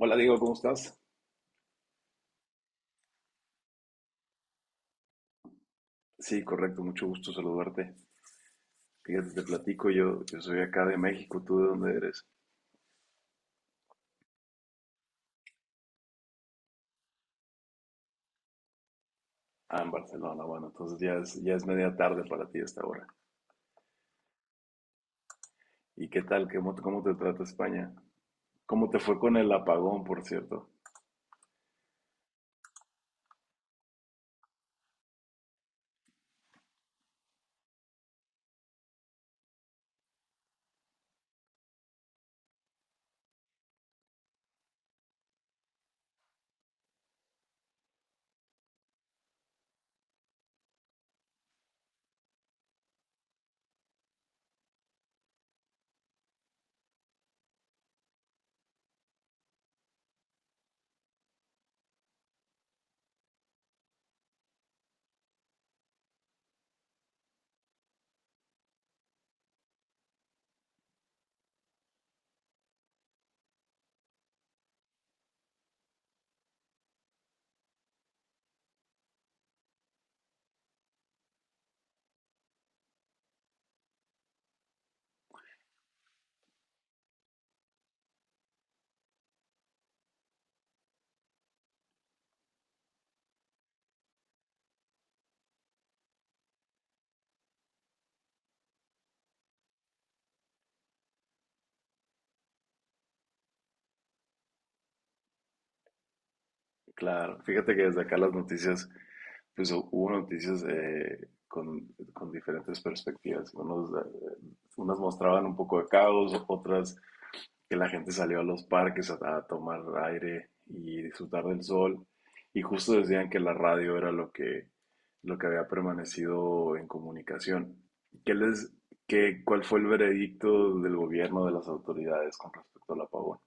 Hola Diego, ¿cómo estás? Sí, correcto, mucho gusto saludarte. Fíjate, te platico, yo soy acá de México, ¿tú de dónde eres? Ah, en Barcelona, bueno, entonces ya es media tarde para ti a esta hora. ¿Y qué tal? ¿Cómo te trata España? ¿Cómo te fue con el apagón, por cierto? Claro, fíjate que desde acá las noticias, pues hubo noticias con diferentes perspectivas. Unos, unas mostraban un poco de caos, otras que la gente salió a los parques a tomar aire y disfrutar del sol. Y justo decían que la radio era lo que había permanecido en comunicación. ¿Qué les, qué, cuál fue el veredicto del gobierno, de las autoridades con respecto al apagón?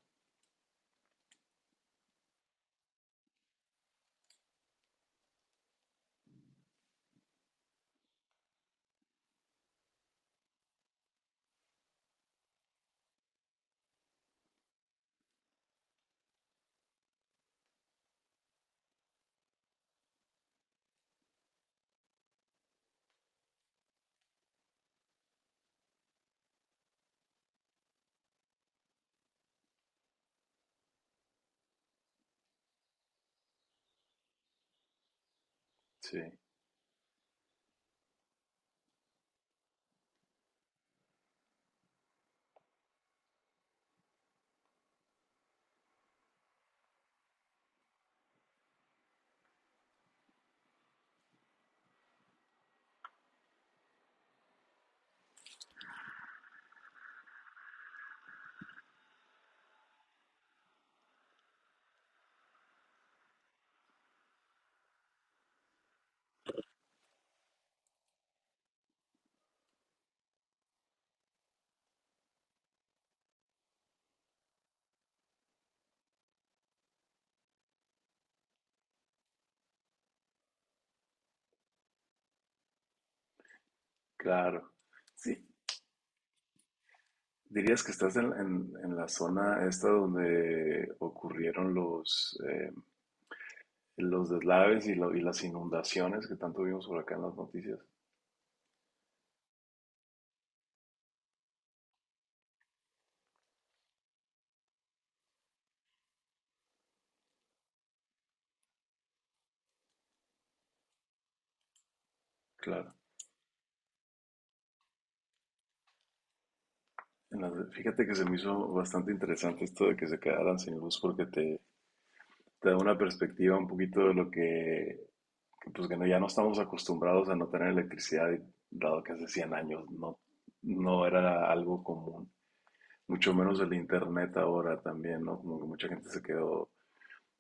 Sí, claro. Sí. ¿Dirías que estás en, en la zona esta donde ocurrieron los deslaves y, y las inundaciones que tanto vimos por acá en las noticias? Claro. Fíjate que se me hizo bastante interesante esto de que se quedaran sin luz porque te da una perspectiva un poquito de lo que, pues que no, ya no estamos acostumbrados a no tener electricidad, y dado que hace 100 años no, no era algo común, mucho menos el internet ahora también, ¿no? Como que mucha gente se quedó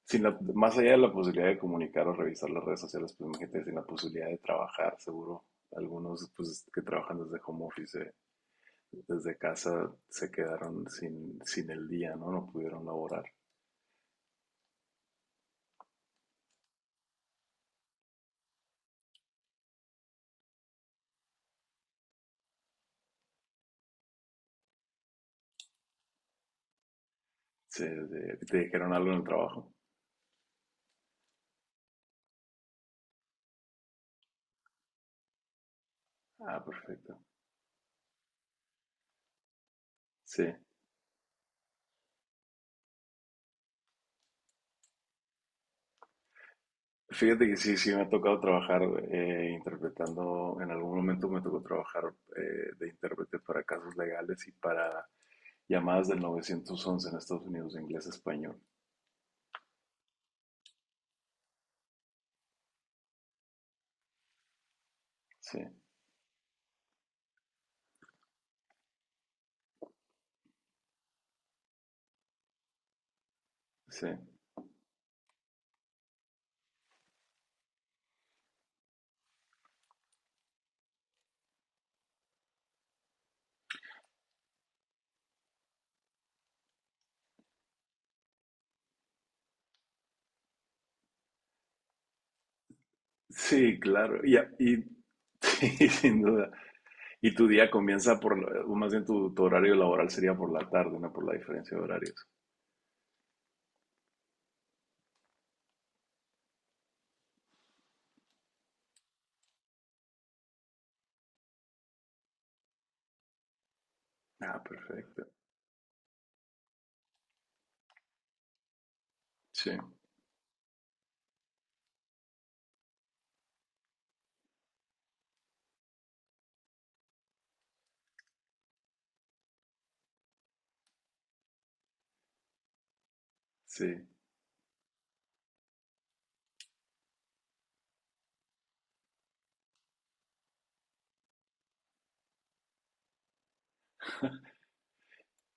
sin la, más allá de la posibilidad de comunicar o revisar las redes sociales, pues imagínate sin la posibilidad de trabajar, seguro. Algunos pues que trabajan desde home office, desde casa, se quedaron sin, sin el día, ¿no? No pudieron laborar. Se, ¿Te dijeron algo en el trabajo? Ah, perfecto. Sí. Fíjate que sí, sí me ha tocado trabajar interpretando, en algún momento me tocó trabajar de intérprete para casos legales y para llamadas del 911 en Estados Unidos de inglés a español. Sí, sí. Sí, claro. Y, y sí, sin duda. Y tu día comienza por, o más bien tu, tu horario laboral sería por la tarde, no por la diferencia de horarios. Ah, perfecto. Sí, sí.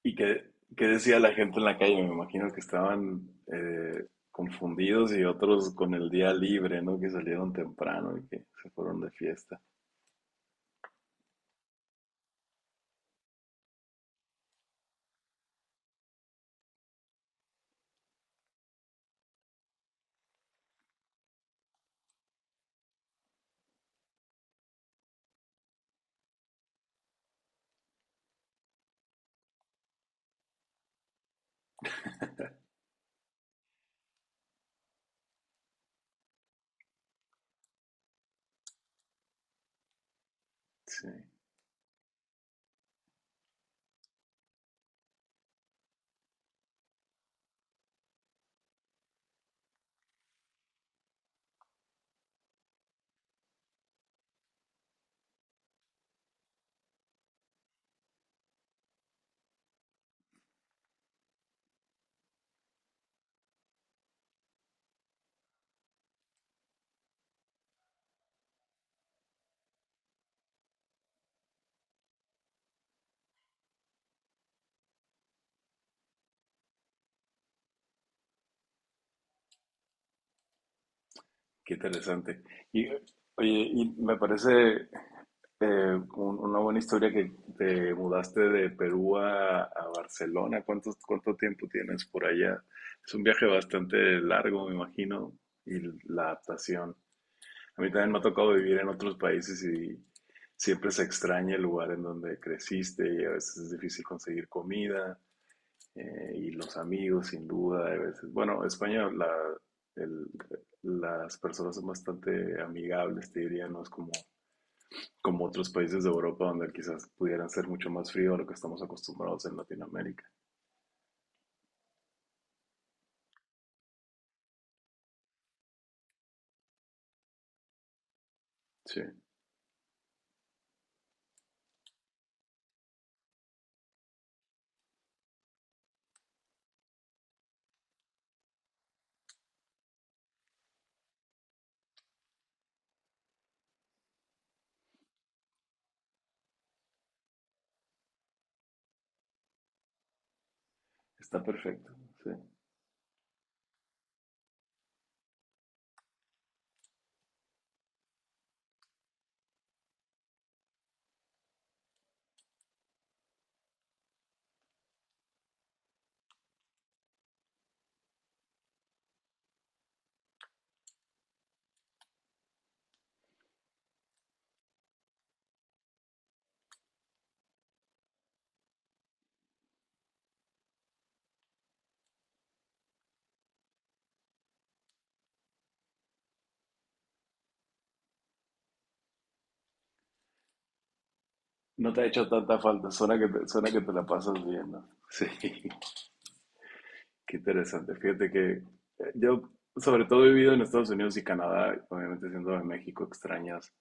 ¿Y qué, qué decía la gente en la calle? Me imagino que estaban confundidos y otros con el día libre, ¿no? Que salieron temprano y que se fueron de fiesta. Sí, qué interesante. Y, oye, y me parece una buena historia que te mudaste de Perú a Barcelona. ¿Cuánto, cuánto tiempo tienes por allá? Es un viaje bastante largo, me imagino, y la adaptación. A mí también me ha tocado vivir en otros países y siempre se extraña el lugar en donde creciste y a veces es difícil conseguir comida y los amigos, sin duda. A veces, bueno, España, la, el- las personas son bastante amigables, te diría, no es como, como otros países de Europa donde quizás pudieran ser mucho más frío a lo que estamos acostumbrados en Latinoamérica. Sí, está perfecto. Sí. No te ha hecho tanta falta, suena que te la pasas bien, ¿no? Sí. Qué interesante. Fíjate que yo, sobre todo, he vivido en Estados Unidos y Canadá, obviamente siendo de México, extrañas.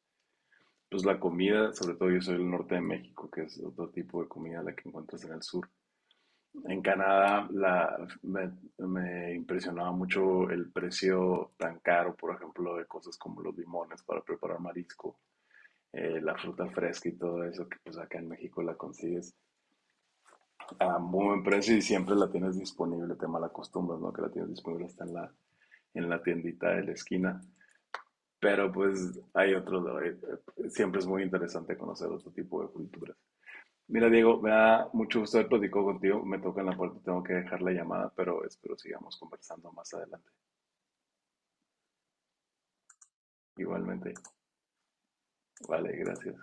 Pues la comida, sobre todo yo soy del norte de México, que es otro tipo de comida la que encuentras en el sur. En Canadá la, me impresionaba mucho el precio tan caro, por ejemplo, de cosas como los limones para preparar marisco, la fruta fresca y todo eso, que pues acá en México la consigues a muy buen precio y siempre la tienes disponible, te malacostumbras, ¿no? Que la tienes disponible hasta en la tiendita de la esquina. Pero pues hay otros, siempre es muy interesante conocer otro tipo de culturas. Mira, Diego, me da mucho gusto haber platicado contigo. Me toca en la puerta, tengo que dejar la llamada, pero espero sigamos conversando más adelante. Igualmente. Vale, gracias.